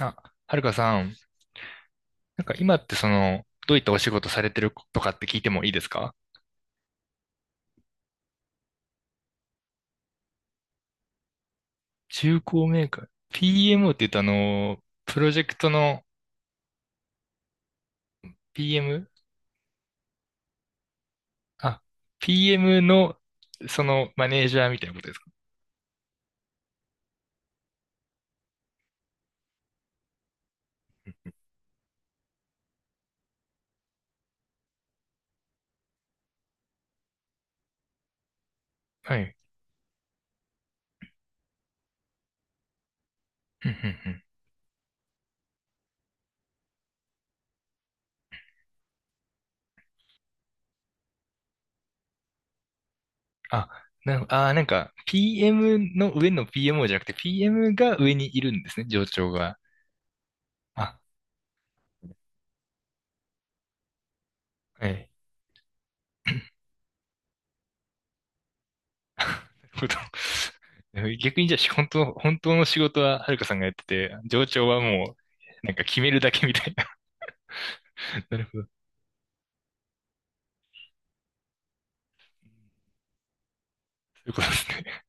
あ、はるかさん、今ってどういったお仕事されてるとかって聞いてもいいですか？中古メーカー。PMO って言うとプロジェクトの？ PM? あ、PM の、そのマネージャーみたいなことですか？はい。うんうんうん。あ、な、あー、なんか PM の上の PMO じゃなくて PM が上にいるんですね、上長が。あ、はい。うどん 逆にじゃあ、本当の、本当の仕事ははるかさんがやってて、上長はもう、決めるだけみたいな。なるほど。そういうことですね。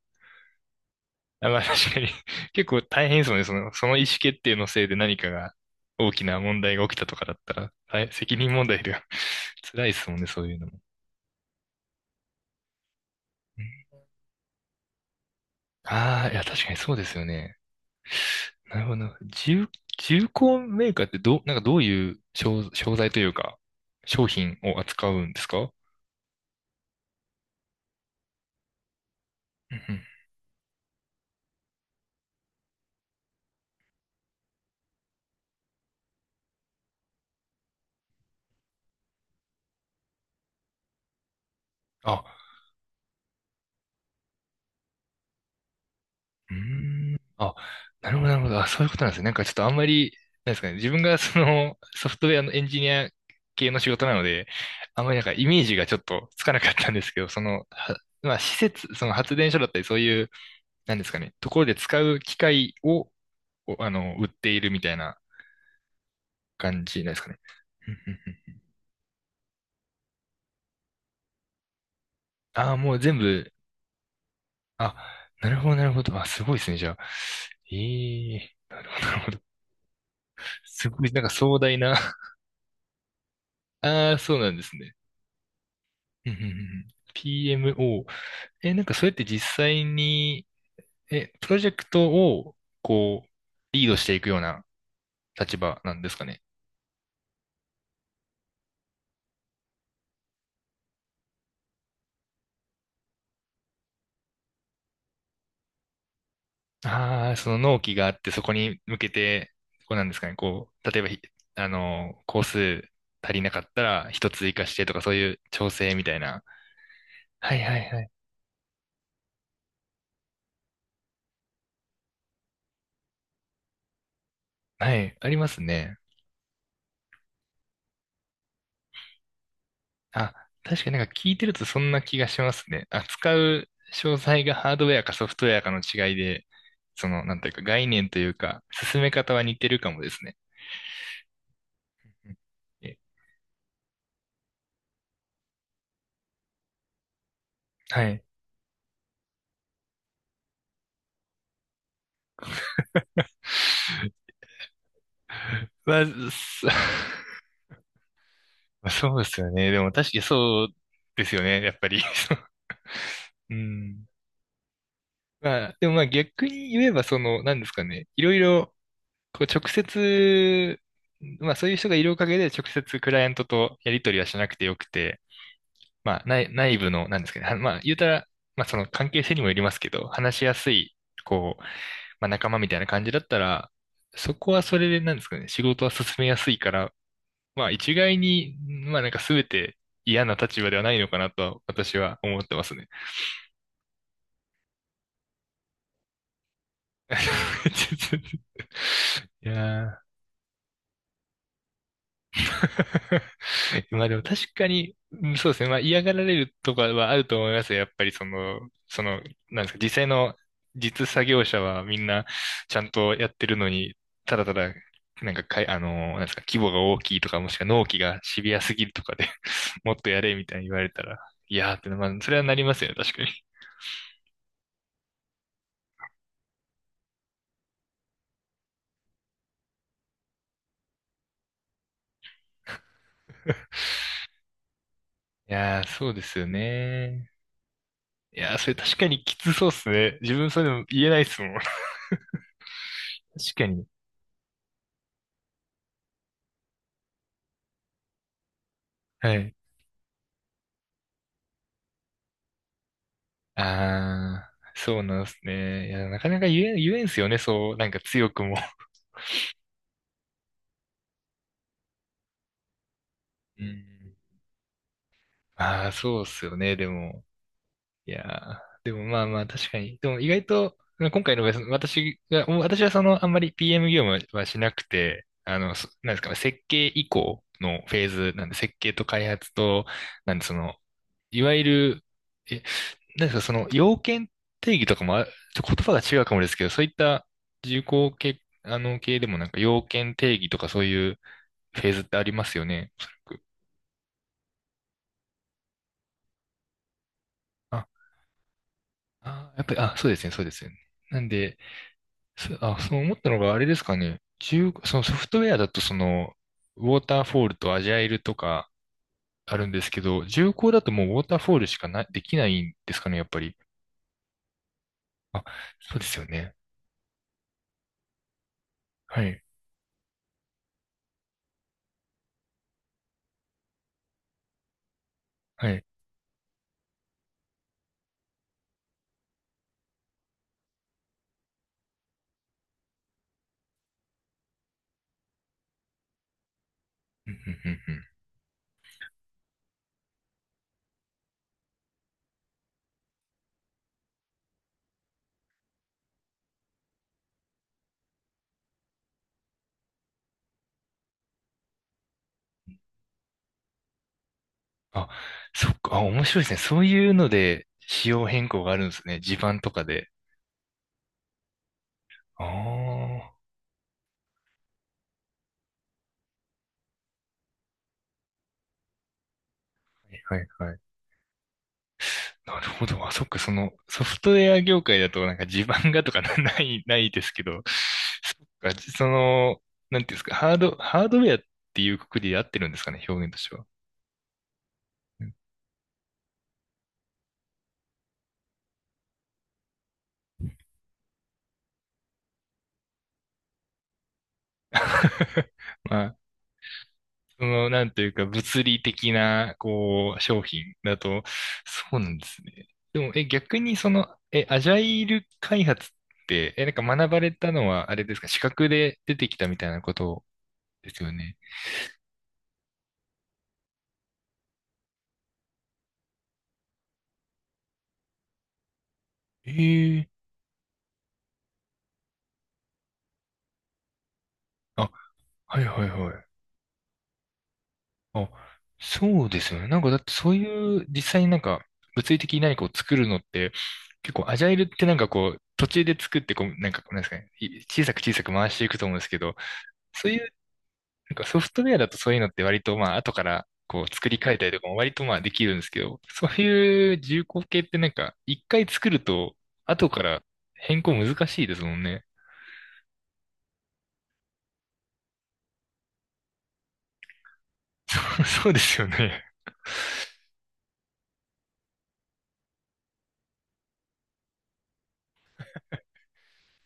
あ、まあ確かに。結構大変ですもんね。その意思決定のせいで何かが、大きな問題が起きたとかだったら、大責任問題では 辛いですもんね、そういうのも。ああ、いや、確かにそうですよね。なるほど。重、重工メーカーってどう、どういう商材というか、商品を扱うんですか？うんうん。あ、うーん。あ、なるほど、なるほど。あ、そういうことなんですね。ちょっとあんまり、なんですかね。自分がそのソフトウェアのエンジニア系の仕事なので、あんまりイメージがちょっとつかなかったんですけど、はまあ施設、その発電所だったりそういう、なんですかね、ところで使う機械を、あの、売っているみたいな感じなんですかね。うんうんうん、ああ、もう全部、あ、なるほど、なるほど。あ、すごいですね、じゃあ。ええ、なるほど、なるほど。すごい、壮大な。ああ、そうなんですね。うんうんうんうん、 PMO。え、それって実際に、え、プロジェクトを、こう、リードしていくような立場なんですかね？ああ、その納期があって、そこに向けて、こうなんですかね、こう、例えばひ、あの、工数足りなかったら、一つ追加してとか、そういう調整みたいな。はいはいはい。はい、ありますね。あ、確かに聞いてるとそんな気がしますね。扱う詳細がハードウェアかソフトウェアかの違いで、その、なんていうか概念というか、進め方は似てるかもですね。うん、え、はい。まあ、そ まあそうですよね。でも確かにそうですよね。やっぱり。うん。まあ、でもまあ逆に言えば、その、なんですかね。いろいろ、こう直接、まあそういう人がいるおかげで直接クライアントとやり取りはしなくてよくて、内部の、なんですかね、はまあ、言うたら、まあ、その関係性にもよりますけど、話しやすい、こう、まあ、仲間みたいな感じだったら、そこはそれで、なんですかね、仕事は進めやすいから、まあ、一概に、まあ、全て嫌な立場ではないのかなと、私は思ってますね。いやー。 まあでも確かに、うん、そうですね。まあ嫌がられるとかはあると思いますよ。やっぱりその、その、なんですか、実際の実作業者はみんなちゃんとやってるのに、ただただ、なんかかい、あの、なんですか、規模が大きいとか、もしくは納期がシビアすぎるとかで もっとやれみたいに言われたら、いやーって、まあ、それはなりますよね、確かに。いやー、そうですよね。いやー、それ確かにきつそうっすね。自分それでも言えないっすもん。確かに。はい。ああ、そうなんですね。いや、なかなか言えんすよね、そう、強くも。うん。ああ、そうっすよね、でも。いやー、でもまあまあ確かに。でも意外と、今回の場合その私はそのあんまり PM 業務はしなくて、なんですかね、設計以降のフェーズなんで、設計と開発と、なんでその、いわゆる、え、なんですか、その要件定義とかも言葉が違うかもですけど、そういった重工系、あの系でも要件定義とかそういうフェーズってありますよね、おそらく。あ、あ、やっぱり、あ、そうですね、そうですよね。なんで、すあ、そう思ったのがあれですかね。そのソフトウェアだとその、ウォーターフォールとアジャイルとかあるんですけど、重工だともうウォーターフォールしかな、できないんですかね、やっぱり。あ、そうですよね。はい、はい。うんうんうんうん。あ、そっか、あ、面白いですね。そういうので仕様変更があるんですね。地盤とかで。ああ、はいはいはい。なるほど。あ、そっか、そのソフトウェア業界だと地盤がとかな、 ない、ないですけど、そっか、その、なんていうんですか、ハードウェアっていうくくりで合ってるんですかね、表現としては。うん、 まあ、その、なんというか、物理的な、こう、商品だと、そうなんですね。でも、え、逆にその、え、アジャイル開発って、え、学ばれたのは、あれですか、資格で出てきたみたいなことですよね。ええ、あ、はいはいはい。あ、そうですよね。だってそういう実際に物理的に何かを作るのって結構アジャイルって途中で作ってこうなんですかね、小さく小さく回していくと思うんですけど、そういうソフトウェアだとそういうのって割とまあ後からこう作り変えたりとかも割とまあできるんですけど、そういう重工系って一回作ると後から変更難しいですもんね。そう、そうですよね。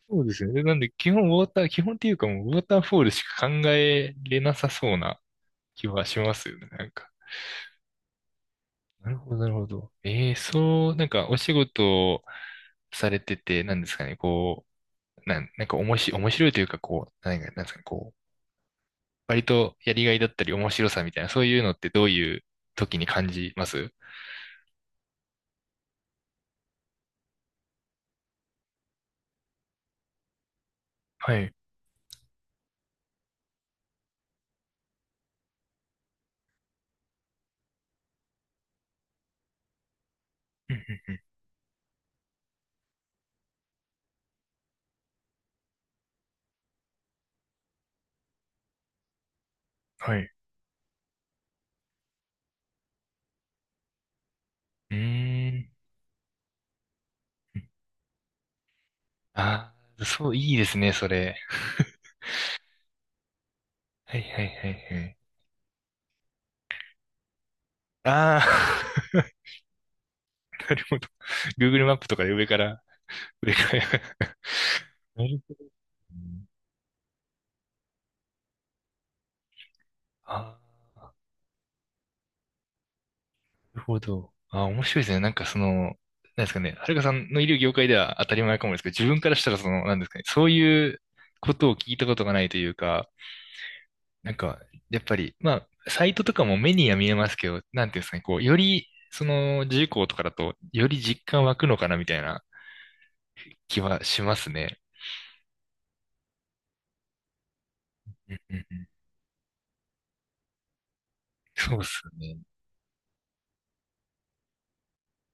そうですね。で、なんで、基本ウォーター、基本っていうかもうウォーターフォールしか考えれなさそうな気はしますよね。なんか。なるほど、なるほど。ええ、そう、お仕事をされてて、なんですかね、こう、なんか面白い、面白いというか、こう、なんか、なんですかね、こう、割とやりがいだったり面白さみたいな、そういうのってどういう時に感じます？はい。うんうん、はい。うーん。ああ、そう、いいですね、それ。はいはいはいはい。ああ。なるほど。Google マップとかで上から、上からやる。なるほどね、あー、なるほど。あー、面白いですね。その、なんですかね、はるかさんのいる業界では当たり前かもですけど、自分からしたらその、なんですかね、そういうことを聞いたことがないというか、なんか、やっぱり、まあ、サイトとかも目には見えますけど、なんていうんですかね、こう、より、その、事項とかだと、より実感湧くのかな、みたいな気はしますね。うんうんそうっすね。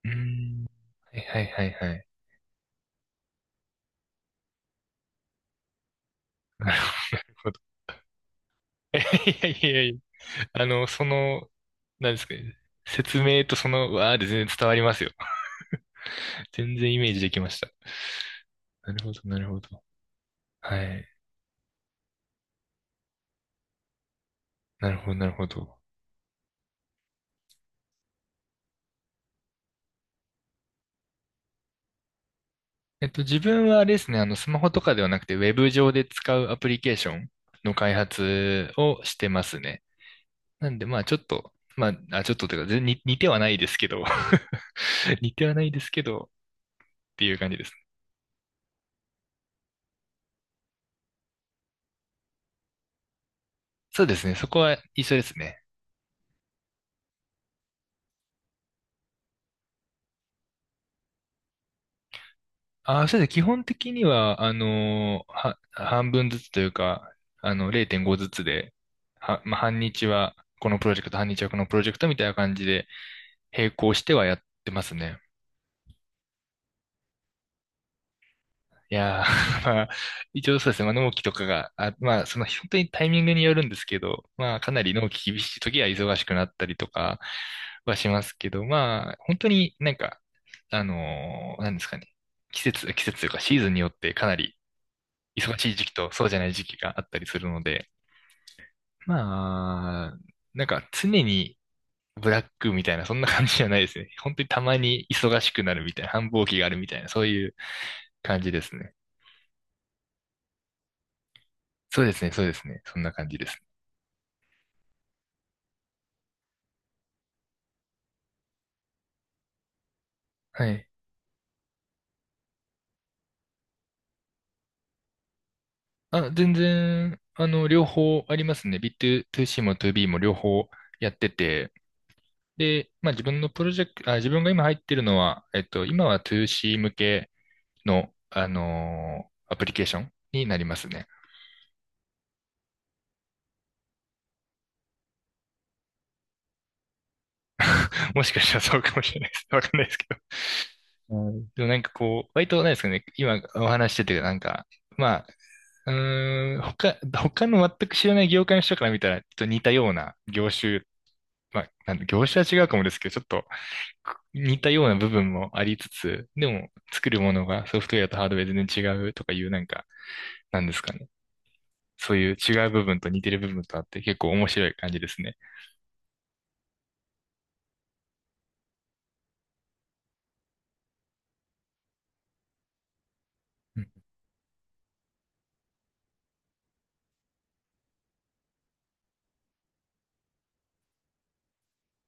うーん。はいはいはいはい。なるほど。いやいやいや、あの、その、何ですかね。説明とわーで全然伝わりますよ。全然イメージできました。なるほど、なるほど。はい。なるほど、なるほど。自分はあれですね、スマホとかではなくて、ウェブ上で使うアプリケーションの開発をしてますね。なんで、まあ、ちょっと、まあ、ちょっとというか、全に似てはないですけど、似てはないですけど、っていう感じです。そうですね、そこは一緒ですね。ああ、そうですね、基本的には、半分ずつというか、0.5ずつで、は、まあ、半日はこのプロジェクト、半日はこのプロジェクトみたいな感じで、並行してはやってますね。いやー、まあ、一応そうですね。まあ、納期とかが、まあ、本当にタイミングによるんですけど、まあ、かなり納期厳しい時は忙しくなったりとかはしますけど、まあ、本当になんか、なんですかね。季節というかシーズンによってかなり忙しい時期とそうじゃない時期があったりするので、まあ、なんか常にブラックみたいな、そんな感じじゃないですね。本当にたまに忙しくなるみたいな、繁忙期があるみたいな、そういう感じですね。そうですね、そうですね。そんな感じです。はい。全然、両方ありますね。ビー2 c も 2B も両方やってて、で、まあ自分のプロジェクト、自分が今入ってるのは、今は 2C 向けの、アプリケーションになりますね。もしかしたらそうかもしれないです。わかんないですけど。はい。でもなんかこう、割となんですかね、今お話ししてて、なんか、まあ、うーん、他、他の全く知らない業界の人から見たら、ちょっと似たような業種、まあ、なん業種は違うかもですけど、ちょっと似たような部分もありつつ、でも作るものがソフトウェアとハードウェア全然違うとかいう、なんか、なんですかね。そういう違う部分と似てる部分とあって、結構面白い感じですね。